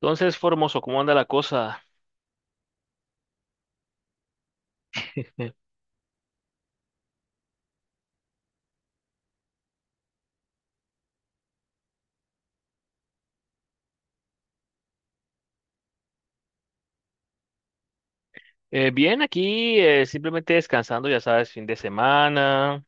Entonces, Formoso, ¿cómo anda la cosa? Eh, bien, aquí simplemente descansando, ya sabes, fin de semana.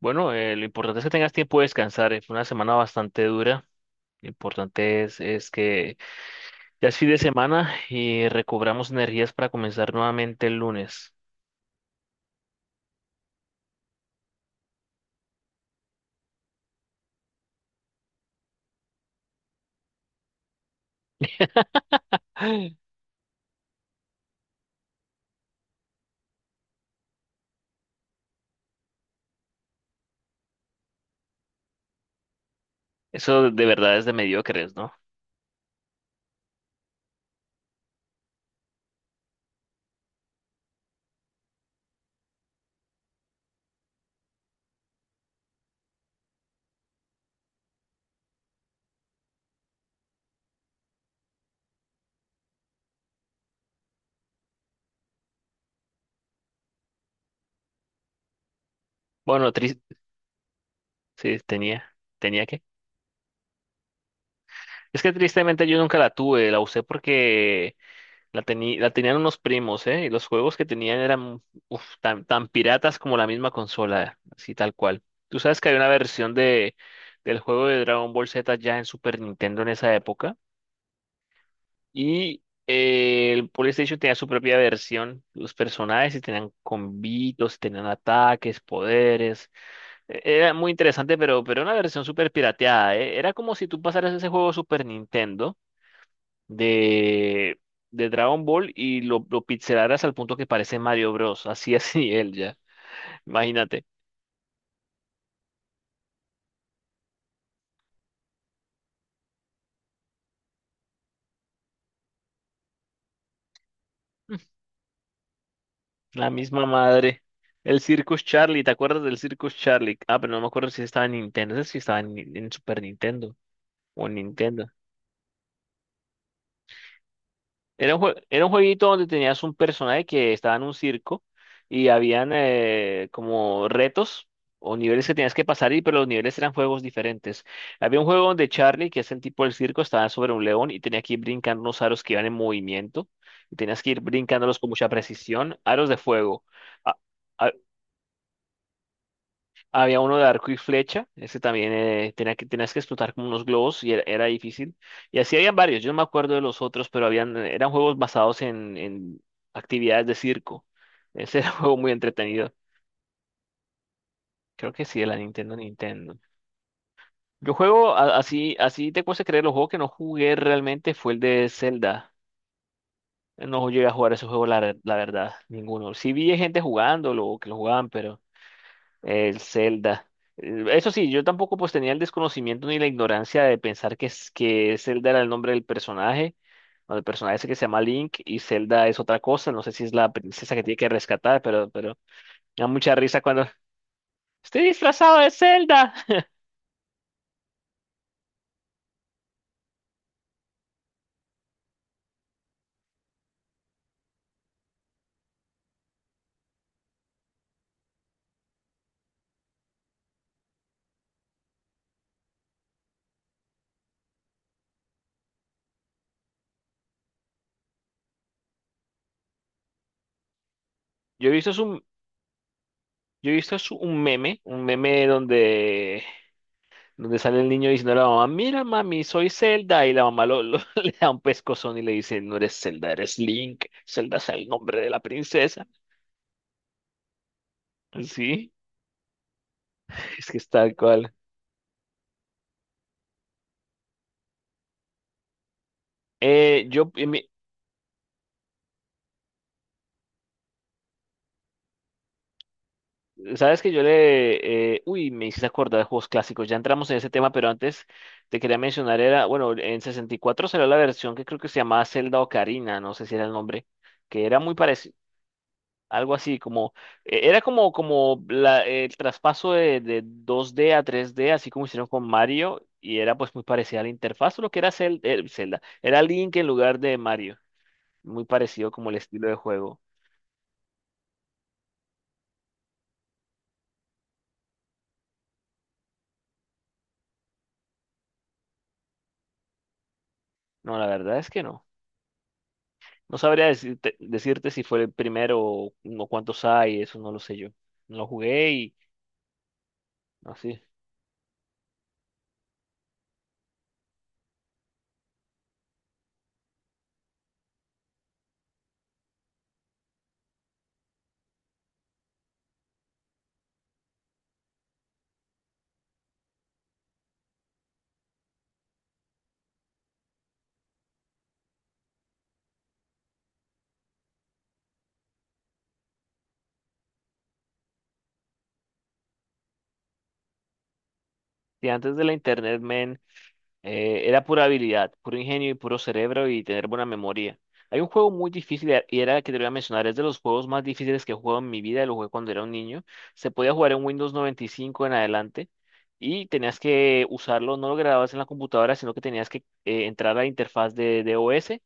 Bueno, lo importante es que tengas tiempo de descansar. Fue una semana bastante dura. Lo importante es que ya es fin de semana y recobramos energías para comenzar nuevamente el lunes. Ay, eso de verdad es de mediocres, ¿no? Bueno, triste, sí, tenía que. Es que tristemente yo nunca la tuve, la usé porque la tenían unos primos, ¿eh? Y los juegos que tenían eran uf, tan, tan piratas como la misma consola, así tal cual. ¿Tú sabes que hay una versión del juego de Dragon Ball Z ya en Super Nintendo en esa época? Y el PlayStation tenía su propia versión, los personajes y tenían combitos, y tenían ataques, poderes. Era muy interesante, pero era una versión súper pirateada, ¿eh? Era como si tú pasaras ese juego Super Nintendo de, de Dragon Ball y lo pixelaras al punto que parece Mario Bros. Así él ya. Imagínate. La misma madre. El Circus Charlie, ¿te acuerdas del Circus Charlie? Ah, pero no me acuerdo si estaba en Nintendo. No sé si estaba en, Ni- en Super Nintendo o en Nintendo. Era un jueguito donde tenías un personaje que estaba en un circo y habían como retos o niveles que tenías que pasar, pero los niveles eran juegos diferentes. Había un juego donde Charlie, que es el tipo del circo, estaba sobre un león y tenía que ir brincando unos aros que iban en movimiento y tenías que ir brincándolos con mucha precisión, aros de fuego. Había uno de arco y flecha, ese también tenías que explotar como unos globos y era difícil. Y así habían varios, yo no me acuerdo de los otros, pero eran juegos basados en actividades de circo. Ese era un juego muy entretenido. Creo que sí, de la Nintendo. Yo juego, a- así, así te cuesta creer, los juegos que no jugué realmente fue el de Zelda. No llegué a jugar ese juego, la verdad, ninguno. Sí vi gente jugándolo, o que lo jugaban, pero. El Zelda. Eso sí, yo tampoco pues tenía el desconocimiento ni la ignorancia de pensar que Zelda era el nombre del personaje, o del personaje ese que se llama Link, y Zelda es otra cosa, no sé si es la princesa que tiene que rescatar, pero me da mucha risa cuando estoy disfrazado de Zelda. Yo he visto es un, yo he visto es un meme donde sale el niño diciendo a la mamá, mira mami, soy Zelda, y la mamá le da un pescozón y le dice, no eres Zelda, eres Link, Zelda es el nombre de la princesa. Sí. Es que es tal cual. Yo, mi- sabes que yo le, uy, me hiciste acordar de juegos clásicos. Ya entramos en ese tema, pero antes te quería mencionar, bueno, en 64 salió la versión que creo que se llamaba Zelda Ocarina, no sé si era el nombre, que era muy parecido, algo así, como, era como, el traspaso de 2D a 3D así como hicieron con Mario, y era pues muy parecida a la interfaz, lo que era Zelda, era Link en lugar de Mario, muy parecido como el estilo de juego. No, la verdad es que no. No sabría decirte si fue el primero o no cuántos hay, eso no lo sé yo. No lo jugué y así. Y antes de la internet, men, era pura habilidad, puro ingenio y puro cerebro y tener buena memoria. Hay un juego muy difícil y era el que te voy a mencionar, es de los juegos más difíciles que he jugado en mi vida, lo jugué cuando era un niño. Se podía jugar en Windows 95 en adelante y tenías que usarlo, no lo grababas en la computadora, sino que tenías que entrar a la interfaz de OS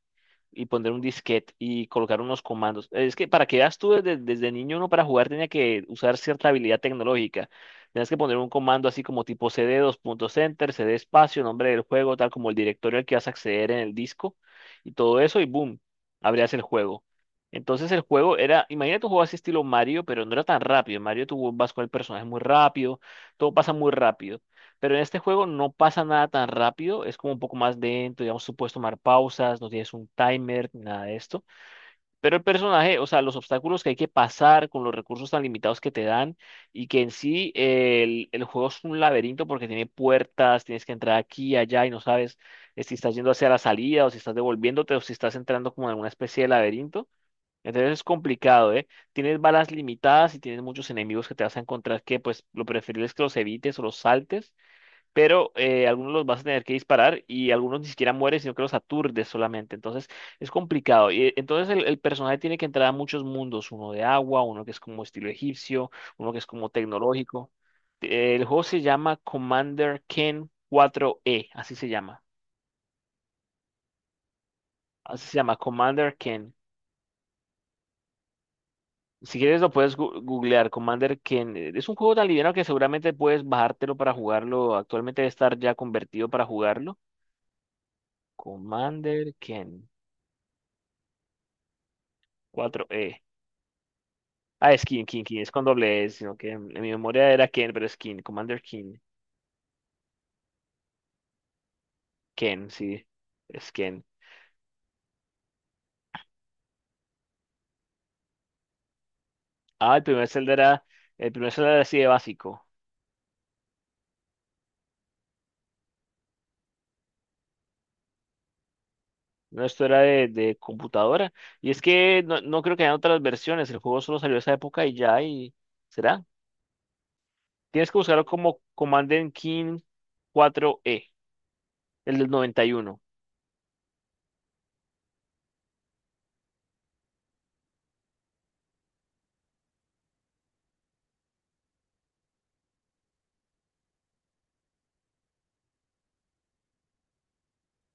y poner un disquete y colocar unos comandos. Es que para que veas tú desde niño uno para jugar tenía que usar cierta habilidad tecnológica. Tenías que poner un comando así como tipo cd dos puntos enter, cd espacio, nombre del juego, tal como el directorio al que vas a acceder en el disco y todo eso y boom, abrías el juego. Entonces el juego era, imagínate un juego así estilo Mario, pero no era tan rápido. En Mario tú vas con el personaje muy rápido, todo pasa muy rápido. Pero en este juego no pasa nada tan rápido, es como un poco más lento, digamos, tú puedes tomar pausas, no tienes un timer, ni nada de esto. Pero el personaje, o sea, los obstáculos que hay que pasar con los recursos tan limitados que te dan y que en sí el juego es un laberinto porque tiene puertas, tienes que entrar aquí, allá y no sabes si estás yendo hacia la salida o si estás devolviéndote o si estás entrando como en una especie de laberinto. Entonces es complicado, ¿eh? Tienes balas limitadas y tienes muchos enemigos que te vas a encontrar que pues lo preferible es que los evites o los saltes pero algunos los vas a tener que disparar y algunos ni siquiera mueren, sino que los aturdes solamente. Entonces es complicado. Entonces el personaje tiene que entrar a muchos mundos, uno de agua, uno que es como estilo egipcio, uno que es como tecnológico. El juego se llama Commander Ken 4E, así se llama. Así se llama Commander Ken. Si quieres lo puedes googlear, Commander Ken. Es un juego tan liviano que seguramente puedes bajártelo para jugarlo. Actualmente debe estar ya convertido para jugarlo. Commander Ken 4E. Ah, es King, King, King, es con doble S, sino que en mi memoria era Ken, pero es King, Commander King, Ken, sí, es Ken. Ah, el primer Zelda era así de básico. No, esto era de computadora. Y es que no, no creo que hayan otras versiones, el juego solo salió esa época y ya, y ¿será? Tienes que buscarlo como Commander King 4E, el del 91.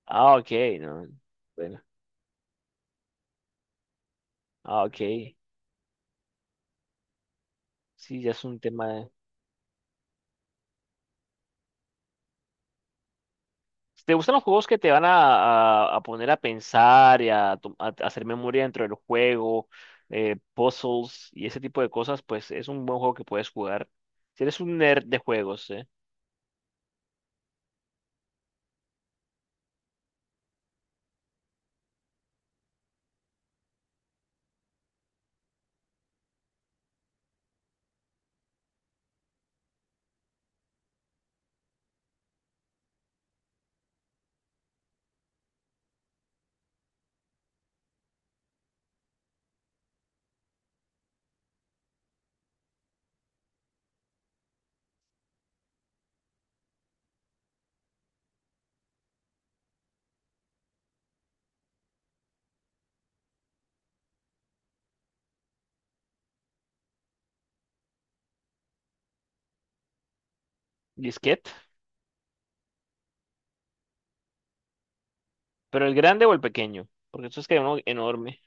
Ah, ok, no, bueno, ah, ok. Sí, ya es un tema. Si te gustan los juegos que te van a poner a pensar y a hacer memoria dentro del juego, puzzles y ese tipo de cosas, pues es un buen juego que puedes jugar. Si eres un nerd de juegos, ¿eh? Disquete, pero el grande o el pequeño, porque eso es que hay uno enorme,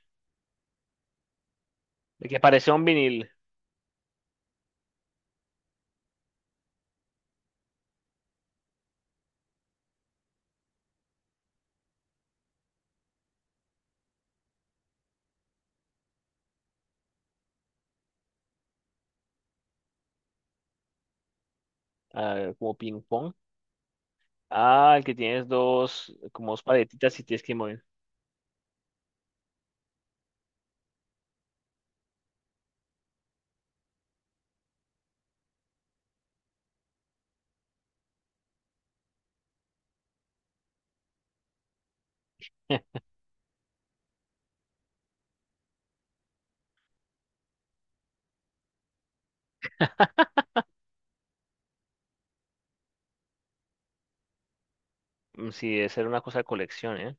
el que parece un vinil, ah, como ping pong. Ah, el que tienes dos, como dos paletitas y tienes que mover. Mm, sí, debe ser una cosa de colección, ¿eh?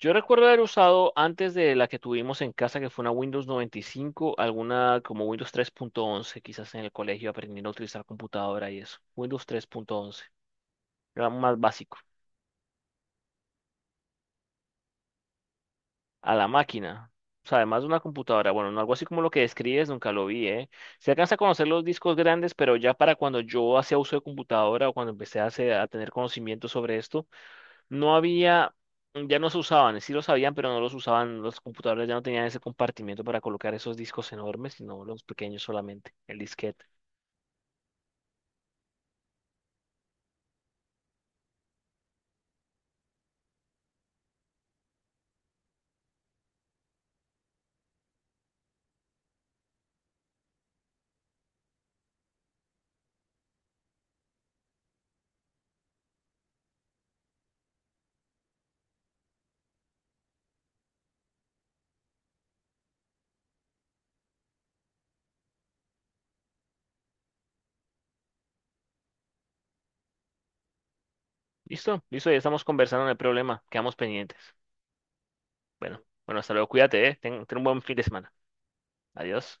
Yo recuerdo haber usado antes de la que tuvimos en casa, que fue una Windows 95, alguna como Windows 3.11, quizás en el colegio aprendiendo a utilizar computadora y eso. Windows 3.11, era más básico. A la máquina. O sea, además de una computadora, bueno, no algo así como lo que describes, nunca lo vi, ¿eh? Se alcanza a conocer los discos grandes, pero ya para cuando yo hacía uso de computadora o cuando empecé a tener conocimiento sobre esto, no había, ya no se usaban, sí los sabían, pero no los usaban, los computadores ya no tenían ese compartimiento para colocar esos discos enormes, sino los pequeños solamente, el disquete. Listo, listo, ya estamos conversando, no hay problema, quedamos pendientes. Bueno, bueno, hasta luego, cuídate, ¿eh? Ten un buen fin de semana. Adiós.